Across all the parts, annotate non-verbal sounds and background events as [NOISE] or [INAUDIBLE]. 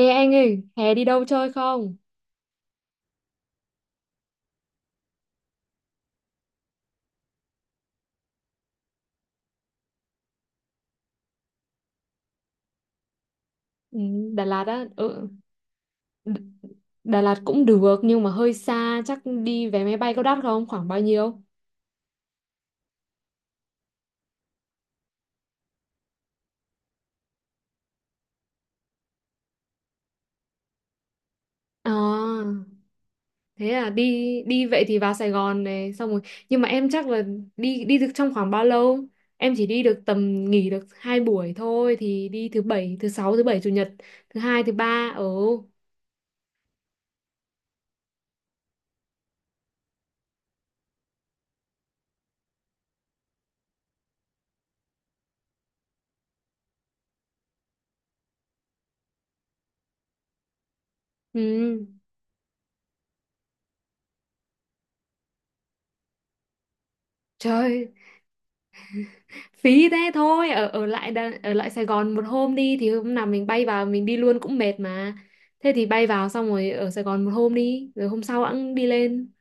Ê anh ơi, hè đi đâu chơi không? Ừ. Đà Lạt á. Ừ. D- Đà Lạt cũng được nhưng mà hơi xa, chắc đi vé máy bay có đắt không? Khoảng bao nhiêu? À, thế à, đi đi vậy thì vào Sài Gòn này, xong rồi. Nhưng mà em chắc là đi đi được trong khoảng bao lâu? Em chỉ đi được tầm nghỉ được 2 buổi thôi thì đi thứ bảy, thứ sáu, thứ bảy, chủ nhật, thứ hai, thứ ba. Ừ. Ừ. Trời, phí thế thôi ở ở lại Đà- ở lại Sài Gòn một hôm đi, thì hôm nào mình bay vào mình đi luôn cũng mệt mà, thế thì bay vào xong rồi ở Sài Gòn một hôm đi rồi hôm sau hẵng đi lên.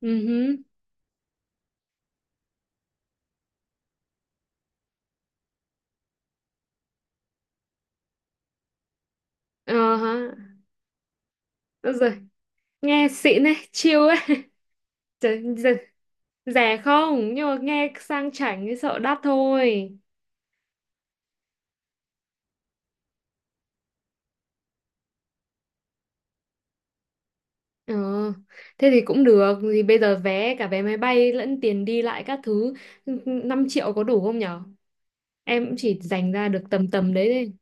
Ừ hứ. Ờ hả. Ôi giời, nghe xịn ấy, chill ấy. [LAUGHS] Trời, giời, rẻ không, nhưng mà nghe sang chảnh thì sợ đắt thôi. Ờ, thế thì cũng được, thì bây giờ vé cả vé máy bay lẫn tiền đi lại các thứ, ừ, ừ, 5 triệu có đủ không nhở? Em cũng chỉ dành ra được tầm tầm đấy đấy.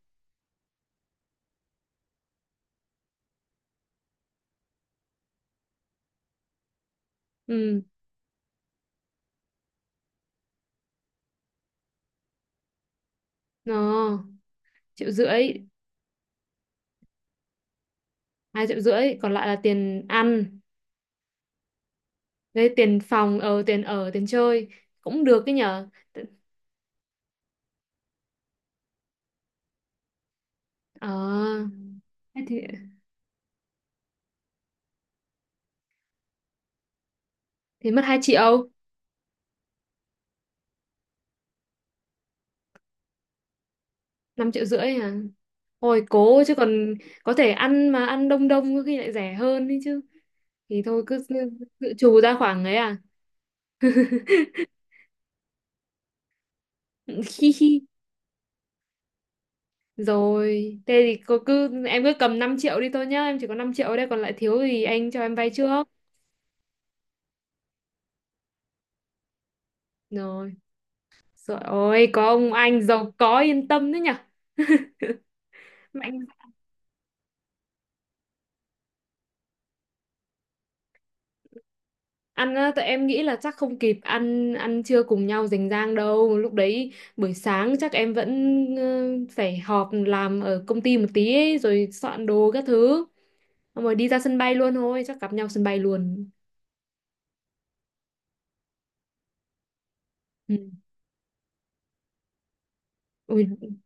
Ừ. Ờ. Triệu rưỡi. 2,5 triệu còn lại là tiền ăn với tiền phòng ở, tiền ở, tiền chơi. Cũng được cái nhở. T- ờ, thế thì mất 2 triệu. 5,5 triệu à? Ôi cố chứ còn, có thể ăn mà ăn đông đông có khi lại rẻ hơn đấy chứ, thì thôi cứ dự trù ra khoảng ấy à. [LAUGHS] Hi hi. Rồi thế thì cô cứ em cứ cầm 5 triệu đi thôi nhá, em chỉ có 5 triệu ở đây, còn lại thiếu thì anh cho em vay trước. Rồi. Trời ơi, có ông anh giàu có yên tâm đấy nhở. Mạnh. Ăn á, tụi em nghĩ là chắc không kịp ăn ăn trưa cùng nhau rành rang đâu lúc đấy, buổi sáng chắc em vẫn phải họp làm ở công ty một tí ấy, rồi soạn đồ các thứ. Xong rồi đi ra sân bay luôn thôi, chắc gặp nhau sân bay luôn. Ừ. Ui,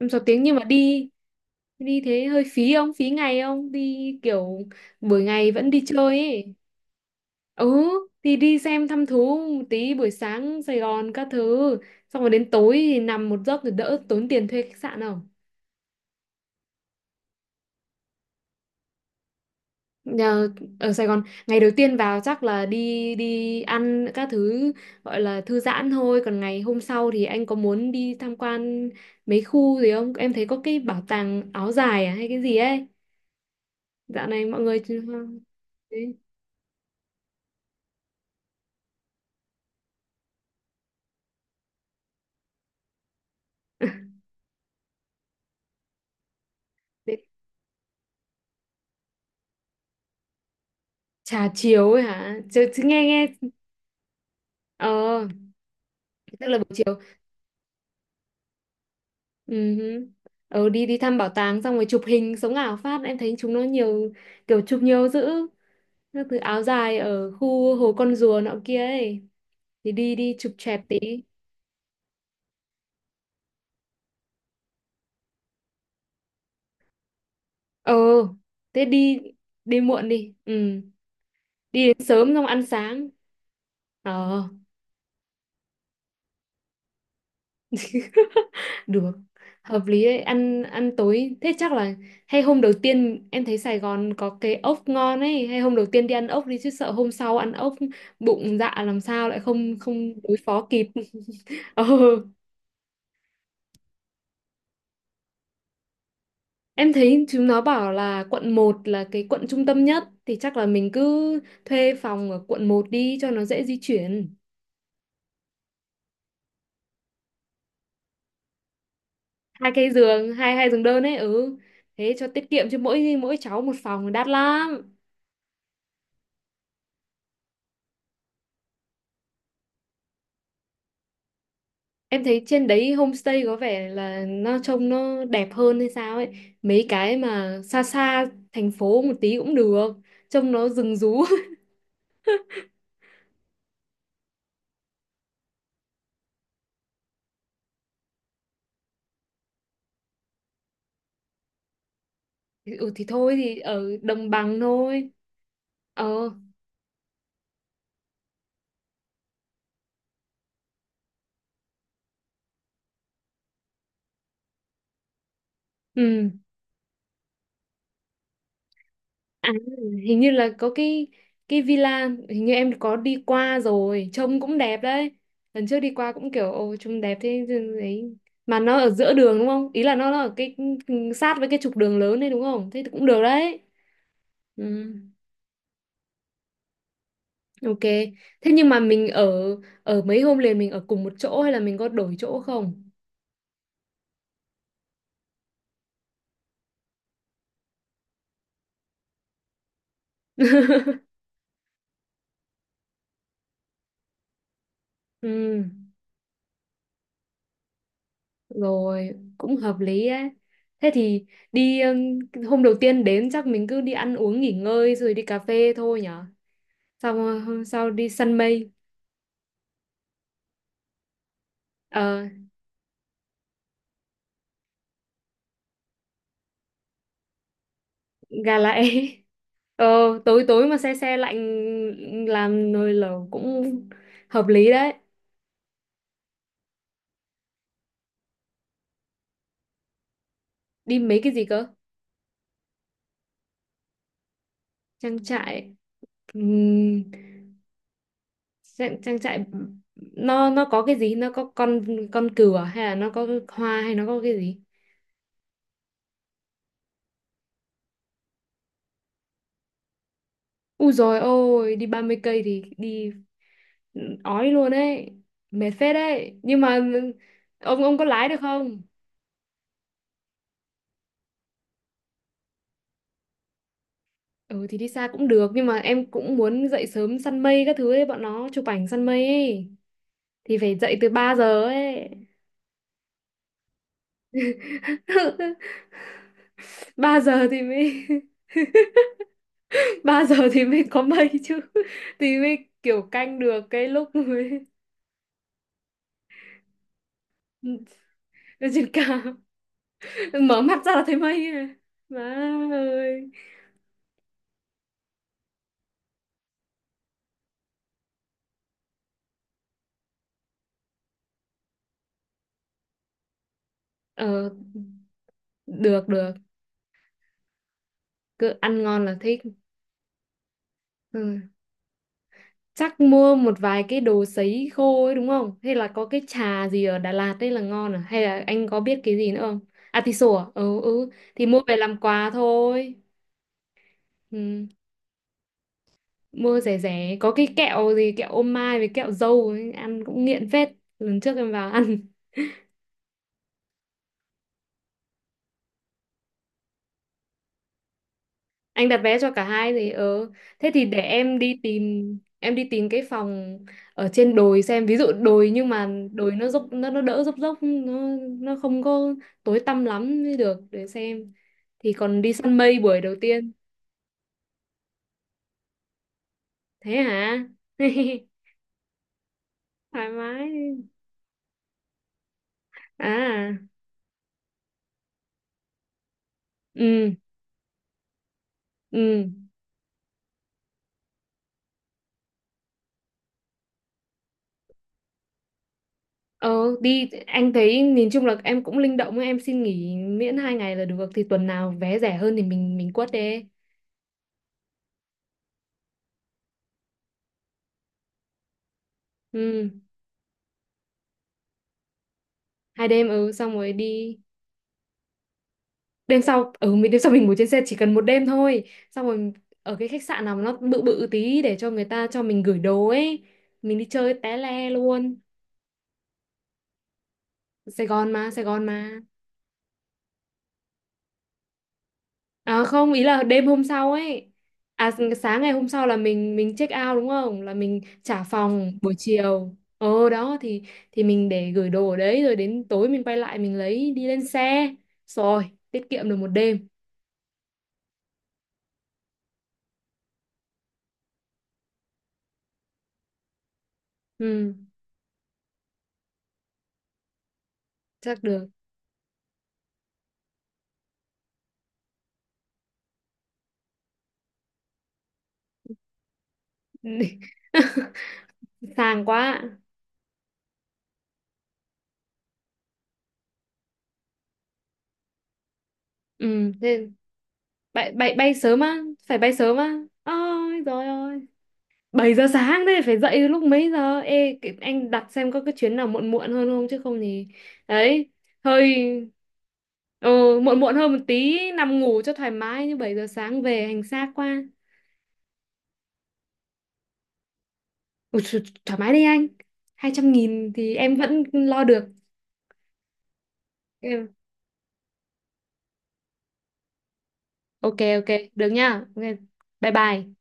em 6 tiếng, nhưng mà đi đi thế hơi phí không, phí ngày không đi kiểu buổi ngày vẫn đi chơi ấy, ừ thì đi xem thăm thú một tí buổi sáng Sài Gòn các thứ, xong rồi đến tối thì nằm một giấc thì đỡ tốn tiền thuê khách sạn không? Ờ, ở Sài Gòn ngày đầu tiên vào chắc là đi đi ăn các thứ gọi là thư giãn thôi, còn ngày hôm sau thì anh có muốn đi tham quan mấy khu gì không, em thấy có cái bảo tàng áo dài, à, hay cái gì ấy dạo này mọi người. Đấy. [LAUGHS] Đấy. Trà chiều ấy hả chứ nghe nghe. Ờ, tức là buổi chiều. Ừ hứ. Ờ đi đi thăm bảo tàng xong rồi chụp hình sống ảo phát, em thấy chúng nó nhiều kiểu chụp nhiều dữ các thứ áo dài ở khu Hồ Con Rùa nọ kia ấy, thì đi đi chụp choẹt tí. Ờ thế đi đi muộn đi, ừ, đi đến sớm xong ăn sáng. Ờ. [LAUGHS] Được. Hợp lý đấy, ăn ăn tối thế chắc là hay, hôm đầu tiên em thấy Sài Gòn có cái ốc ngon ấy, hay hôm đầu tiên đi ăn ốc đi, chứ sợ hôm sau ăn ốc bụng dạ làm sao lại không không đối phó kịp. [LAUGHS] Ờ. Em thấy chúng nó bảo là quận một là cái quận trung tâm nhất, thì chắc là mình cứ thuê phòng ở quận một đi cho nó dễ di chuyển. Hai cái giường, hai hai giường đơn ấy, ừ. Thế cho tiết kiệm, cho mỗi mỗi cháu một phòng đắt lắm. Em thấy trên đấy homestay có vẻ là nó trông nó đẹp hơn hay sao ấy. Mấy cái mà xa xa thành phố một tí cũng được, trông nó rừng rú. [LAUGHS] Ừ thì thôi thì ở đồng bằng thôi. Ờ. Ừ. À, hình như là có cái villa hình như em có đi qua rồi, trông cũng đẹp đấy, lần trước đi qua cũng kiểu ồ trông đẹp thế. Đấy. Mà nó ở giữa đường đúng không, ý là nó ở cái, ừ, sát với cái trục đường lớn đấy đúng không? Thế thì cũng được đấy. Ừ, ok. Thế nhưng mà mình ở ở mấy hôm liền mình ở cùng một chỗ hay là mình có đổi chỗ không? [LAUGHS] Ừ. Rồi, cũng hợp lý ấy. Thế thì đi hôm đầu tiên đến chắc mình cứ đi ăn uống nghỉ ngơi rồi đi cà phê thôi nhở. Xong rồi hôm sau đi săn mây, ờ gà lại. [LAUGHS] Ờ tối tối mà xe xe lạnh, làm nồi lẩu cũng hợp lý đấy. Đi mấy cái gì cơ? Trang trại, ừm, trang trại nó có cái gì? Nó có con cừu à, hay là nó có hoa hay nó có cái gì? Ui rồi ôi, đi 30 cây thì đi ói luôn ấy, mệt phết đấy, nhưng mà ông có lái được không? Ừ thì đi xa cũng được, nhưng mà em cũng muốn dậy sớm săn mây các thứ ấy, bọn nó chụp ảnh săn mây ấy thì phải dậy từ 3 giờ ấy. [LAUGHS] 3 giờ thì mới. [LAUGHS] Ba giờ thì mới có mây chứ, thì mới kiểu canh được cái lúc mới. [LAUGHS] Lên trên cao mở mắt ra là thấy mây à má ơi. Ờ, được được, cứ ăn ngon là thích. Ừ. Chắc mua một vài cái đồ sấy khô ấy đúng không, hay là có cái trà gì ở Đà Lạt đấy là ngon à, hay là anh có biết cái gì nữa không? Atiso à, ừ, ừ thì mua về làm quà thôi. Ừ. Mua rẻ rẻ có cái kẹo gì, kẹo ô mai với kẹo dâu ấy, ăn cũng nghiện phết, lần trước em vào ăn. Anh đặt vé cho cả hai thì ờ, thế thì để em đi tìm cái phòng ở trên đồi xem, ví dụ đồi nhưng mà đồi nó dốc nó đỡ dốc dốc nó không có tối tăm lắm mới được để xem, thì còn đi săn mây buổi đầu tiên. Thế hả? [LAUGHS] Thoải mái. À ừ ừ ờ đi, anh thấy nhìn chung là em cũng linh động ấy, em xin nghỉ miễn 2 ngày là được, thì tuần nào vé rẻ hơn thì mình quất đi. Ừ. 2 đêm, ừ, xong rồi đi. Đêm sau, ừ, mình đêm sau mình ngủ trên xe chỉ cần một đêm thôi, xong rồi ở cái khách sạn nào mà nó bự bự tí để cho người ta cho mình gửi đồ ấy, mình đi chơi té le luôn. Sài Gòn mà Sài Gòn mà. À không, ý là đêm hôm sau ấy. À, sáng ngày hôm sau là mình check out đúng không, là mình trả phòng buổi chiều, ờ đó thì mình để gửi đồ ở đấy rồi đến tối mình quay lại mình lấy đi lên xe. Rồi. Tiết kiệm được một đêm. Ừ. Chắc được. [LAUGHS] Sang quá. Ừ, thế bay sớm á, phải bay sớm á. Ôi rồi ơi. 7 giờ sáng thế phải dậy lúc mấy giờ? Ê, anh đặt xem có cái chuyến nào muộn muộn hơn không chứ không thì, đấy, hơi, ừ, muộn muộn hơn một tí nằm ngủ cho thoải mái, như 7 giờ sáng về hành xác quá. Ủa, th thoải mái đi anh. 200.000 thì em vẫn lo được. Em- Ok ok, được nha. Ok. Bye bye.